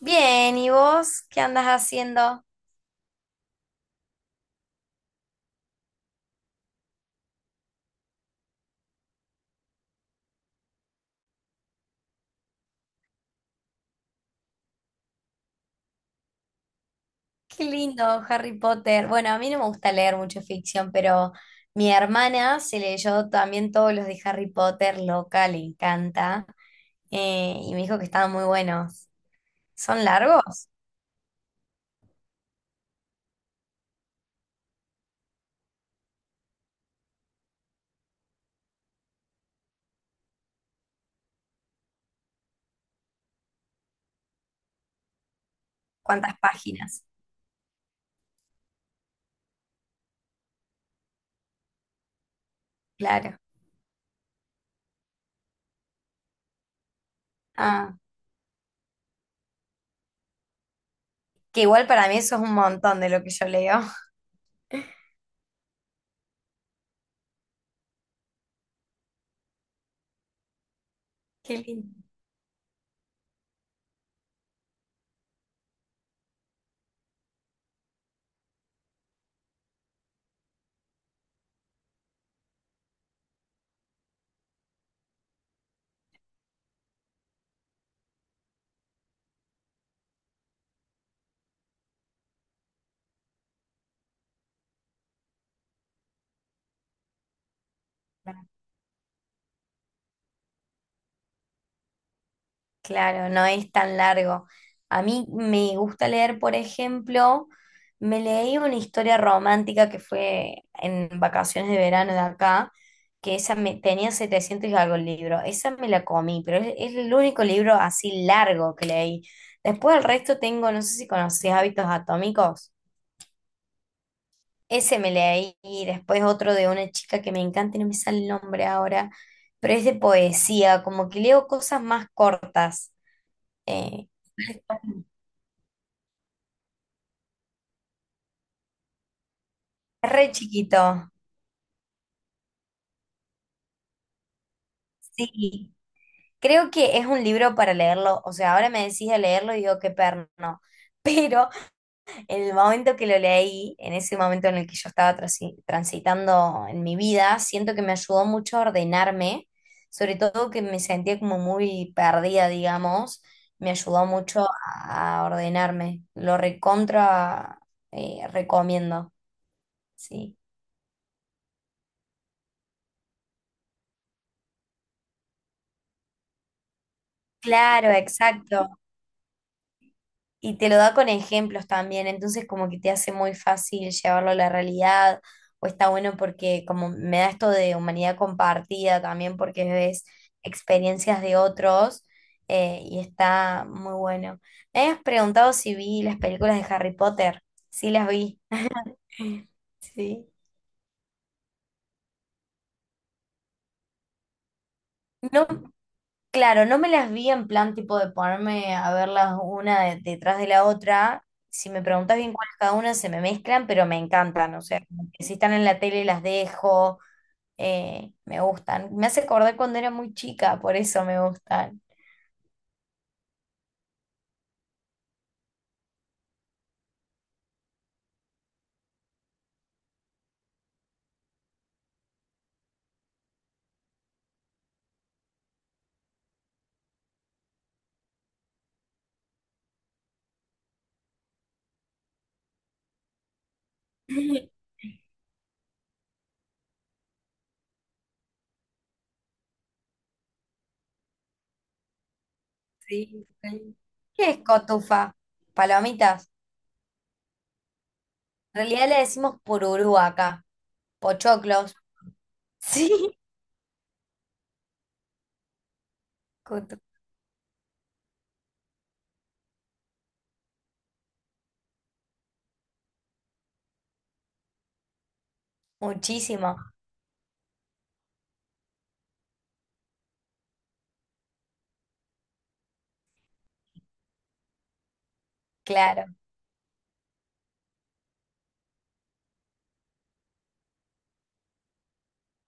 Bien, ¿y vos qué andas haciendo? Qué lindo, Harry Potter. Bueno, a mí no me gusta leer mucho ficción, pero mi hermana se leyó también todos los de Harry Potter, loca, le encanta, y me dijo que estaban muy buenos. ¿Son largos? ¿Cuántas páginas? Claro. Ah, que igual para mí eso es un montón de lo que yo leo. Qué lindo. Claro, no es tan largo. A mí me gusta leer, por ejemplo, me leí una historia romántica que fue en vacaciones de verano de acá, que esa tenía 700 y algo el libro. Esa me la comí, pero es el único libro así largo que leí. Después el resto tengo, no sé si conoces Hábitos Atómicos. Ese me leí y después otro de una chica que me encanta y no me sale el nombre ahora, pero es de poesía, como que leo cosas más cortas. Eh, Re chiquito, sí. Creo que es un libro para leerlo. O sea, ahora me decís de leerlo y digo, qué perno. Pero en el momento que lo leí, en ese momento en el que yo estaba transitando en mi vida, siento que me ayudó mucho a ordenarme, sobre todo que me sentía como muy perdida, digamos. Me ayudó mucho a ordenarme. Lo recontra, recomiendo, sí. Claro, exacto. Y te lo da con ejemplos también, entonces como que te hace muy fácil llevarlo a la realidad, o está bueno porque como me da esto de humanidad compartida también porque ves experiencias de otros, y está muy bueno. Me habías preguntado si vi las películas de Harry Potter, sí las vi. Sí. No, claro, no me las vi en plan tipo de ponerme a verlas detrás de la otra. Si me preguntas bien cuál es cada una, se me mezclan, pero me encantan. O sea, como que si están en la tele las dejo, me gustan. Me hace acordar cuando era muy chica, por eso me gustan. Sí, sí. ¿Qué es cotufa? Palomitas. En realidad le decimos pururú acá. Pochoclos. Sí, cotu- muchísimo, claro.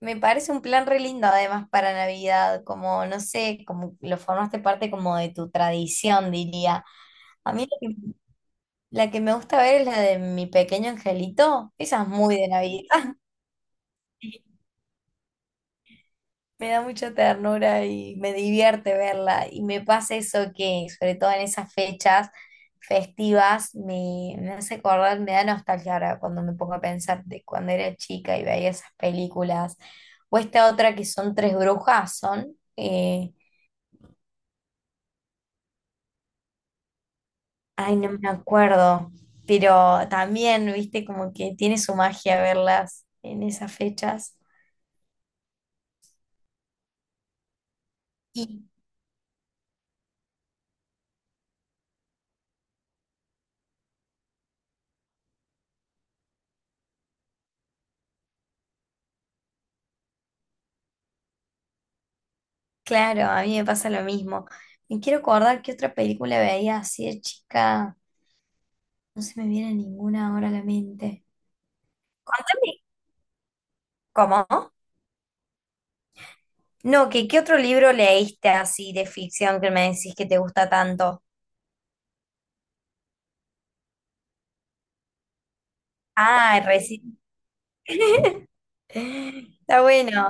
Me parece un plan re lindo además para Navidad, como no sé, como lo formaste parte como de tu tradición, diría. A mí la que me gusta ver es la de mi pequeño angelito, esa es muy de Navidad. Me da mucha ternura y me divierte verla. Y me pasa eso que, sobre todo en esas fechas festivas, me hace acordar, me da nostalgia ahora cuando me pongo a pensar de cuando era chica y veía esas películas. O esta otra que son tres brujas, son... ay, no me acuerdo, pero también, viste, como que tiene su magia verlas en esas fechas. Y claro, a mí me pasa lo mismo. Me quiero acordar qué otra película veía así de chica. No se me viene ninguna ahora a la mente. Contame, ¿cómo? No, que qué otro libro leíste así de ficción que me decís que te gusta tanto. Ah, recién. Está bueno.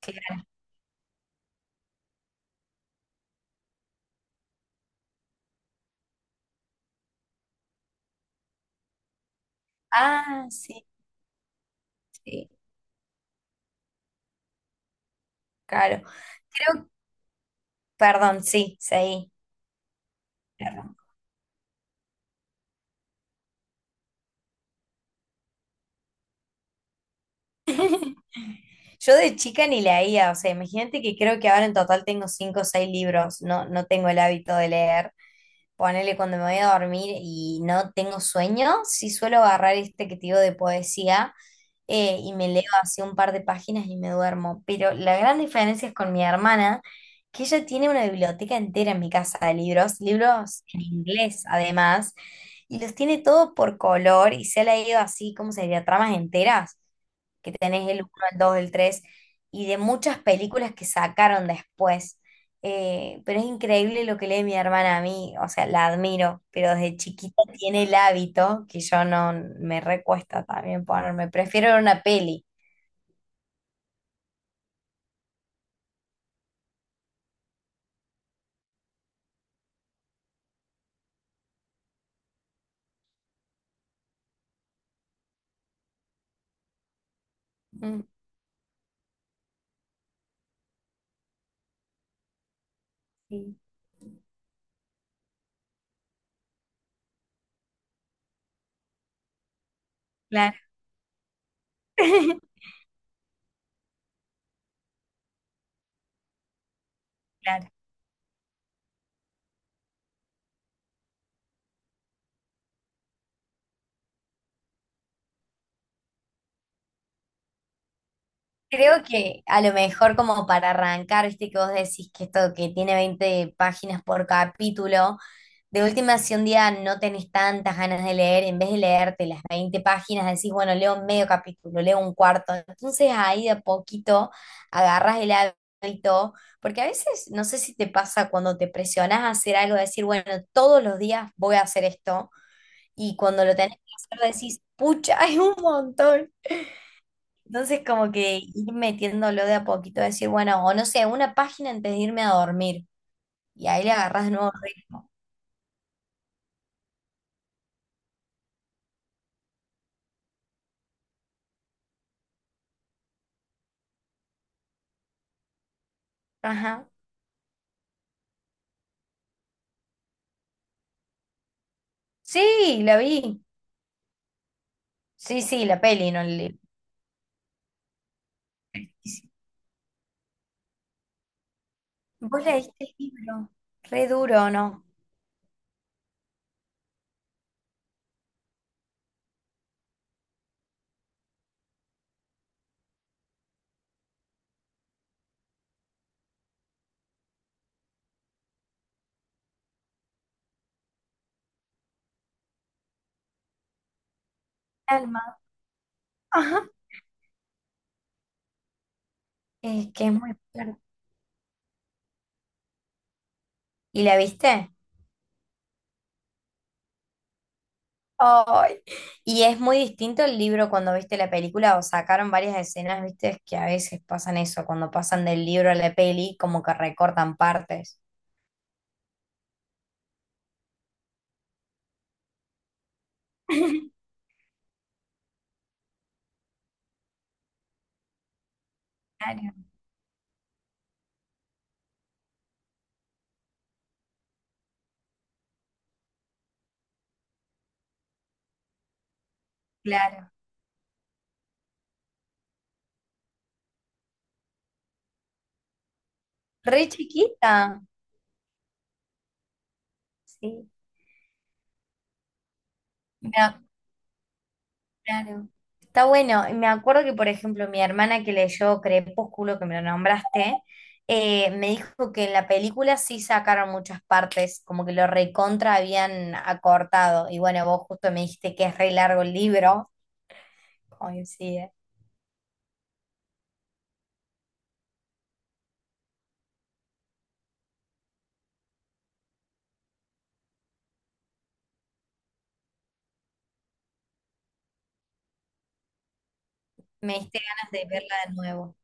Claro. Ah, sí, sí. Claro. Creo, perdón, sí, seguí. Perdón. Yo de chica ni leía, o sea, imagínate que creo que ahora en total tengo cinco o seis libros, no, no tengo el hábito de leer. Ponele cuando me voy a dormir y no tengo sueño, sí suelo agarrar este que te digo de poesía, y me leo así un par de páginas y me duermo. Pero la gran diferencia es con mi hermana, que ella tiene una biblioteca entera en mi casa de libros, libros en inglés además, y los tiene todo por color y se ha leído así, ¿cómo sería? Tramas enteras, que tenés el uno el 2 el 3 y de muchas películas que sacaron después. Pero es increíble lo que lee mi hermana a mí, o sea, la admiro, pero desde chiquita tiene el hábito que yo no me recuesta también ponerme, prefiero ver una peli. Mm, sí, claro, claro. Creo que a lo mejor como para arrancar, viste que vos decís que esto que tiene 20 páginas por capítulo. De última, si un día no tenés tantas ganas de leer, en vez de leerte las 20 páginas, decís, bueno, leo medio capítulo, leo un cuarto. Entonces ahí de a poquito agarras el hábito, porque a veces, no sé si te pasa cuando te presionás a hacer algo, decir, bueno, todos los días voy a hacer esto, y cuando lo tenés que hacer decís, pucha, es un montón. Entonces como que ir metiéndolo de a poquito, decir, bueno, o no sé, una página antes de irme a dormir, y ahí le agarras de nuevo ritmo. Ajá. Sí, la vi. Sí, sí, la peli, no el libro. Vos leíste el libro, re duro, ¿no? Alma. Ajá. Es que es muy fuerte. ¿Y la viste? Ay. Y es muy distinto el libro cuando viste la película, o sacaron varias escenas, viste, es que a veces pasan eso, cuando pasan del libro a la peli, como que recortan partes. Claro, claro. Re chiquita. Sí. Me, a- claro. Está bueno. Me acuerdo que, por ejemplo, mi hermana que leyó Crepúsculo, que me lo nombraste, me dijo que en la película sí sacaron muchas partes, como que lo recontra habían acortado. Y bueno, vos justo me dijiste que es re largo el libro. Coincide. Me diste ganas de verla de nuevo.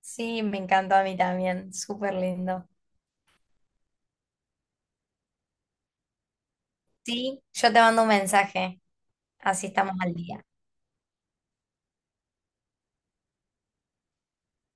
Sí, me encantó a mí también. Súper lindo. Sí, yo te mando un mensaje. Así estamos al día.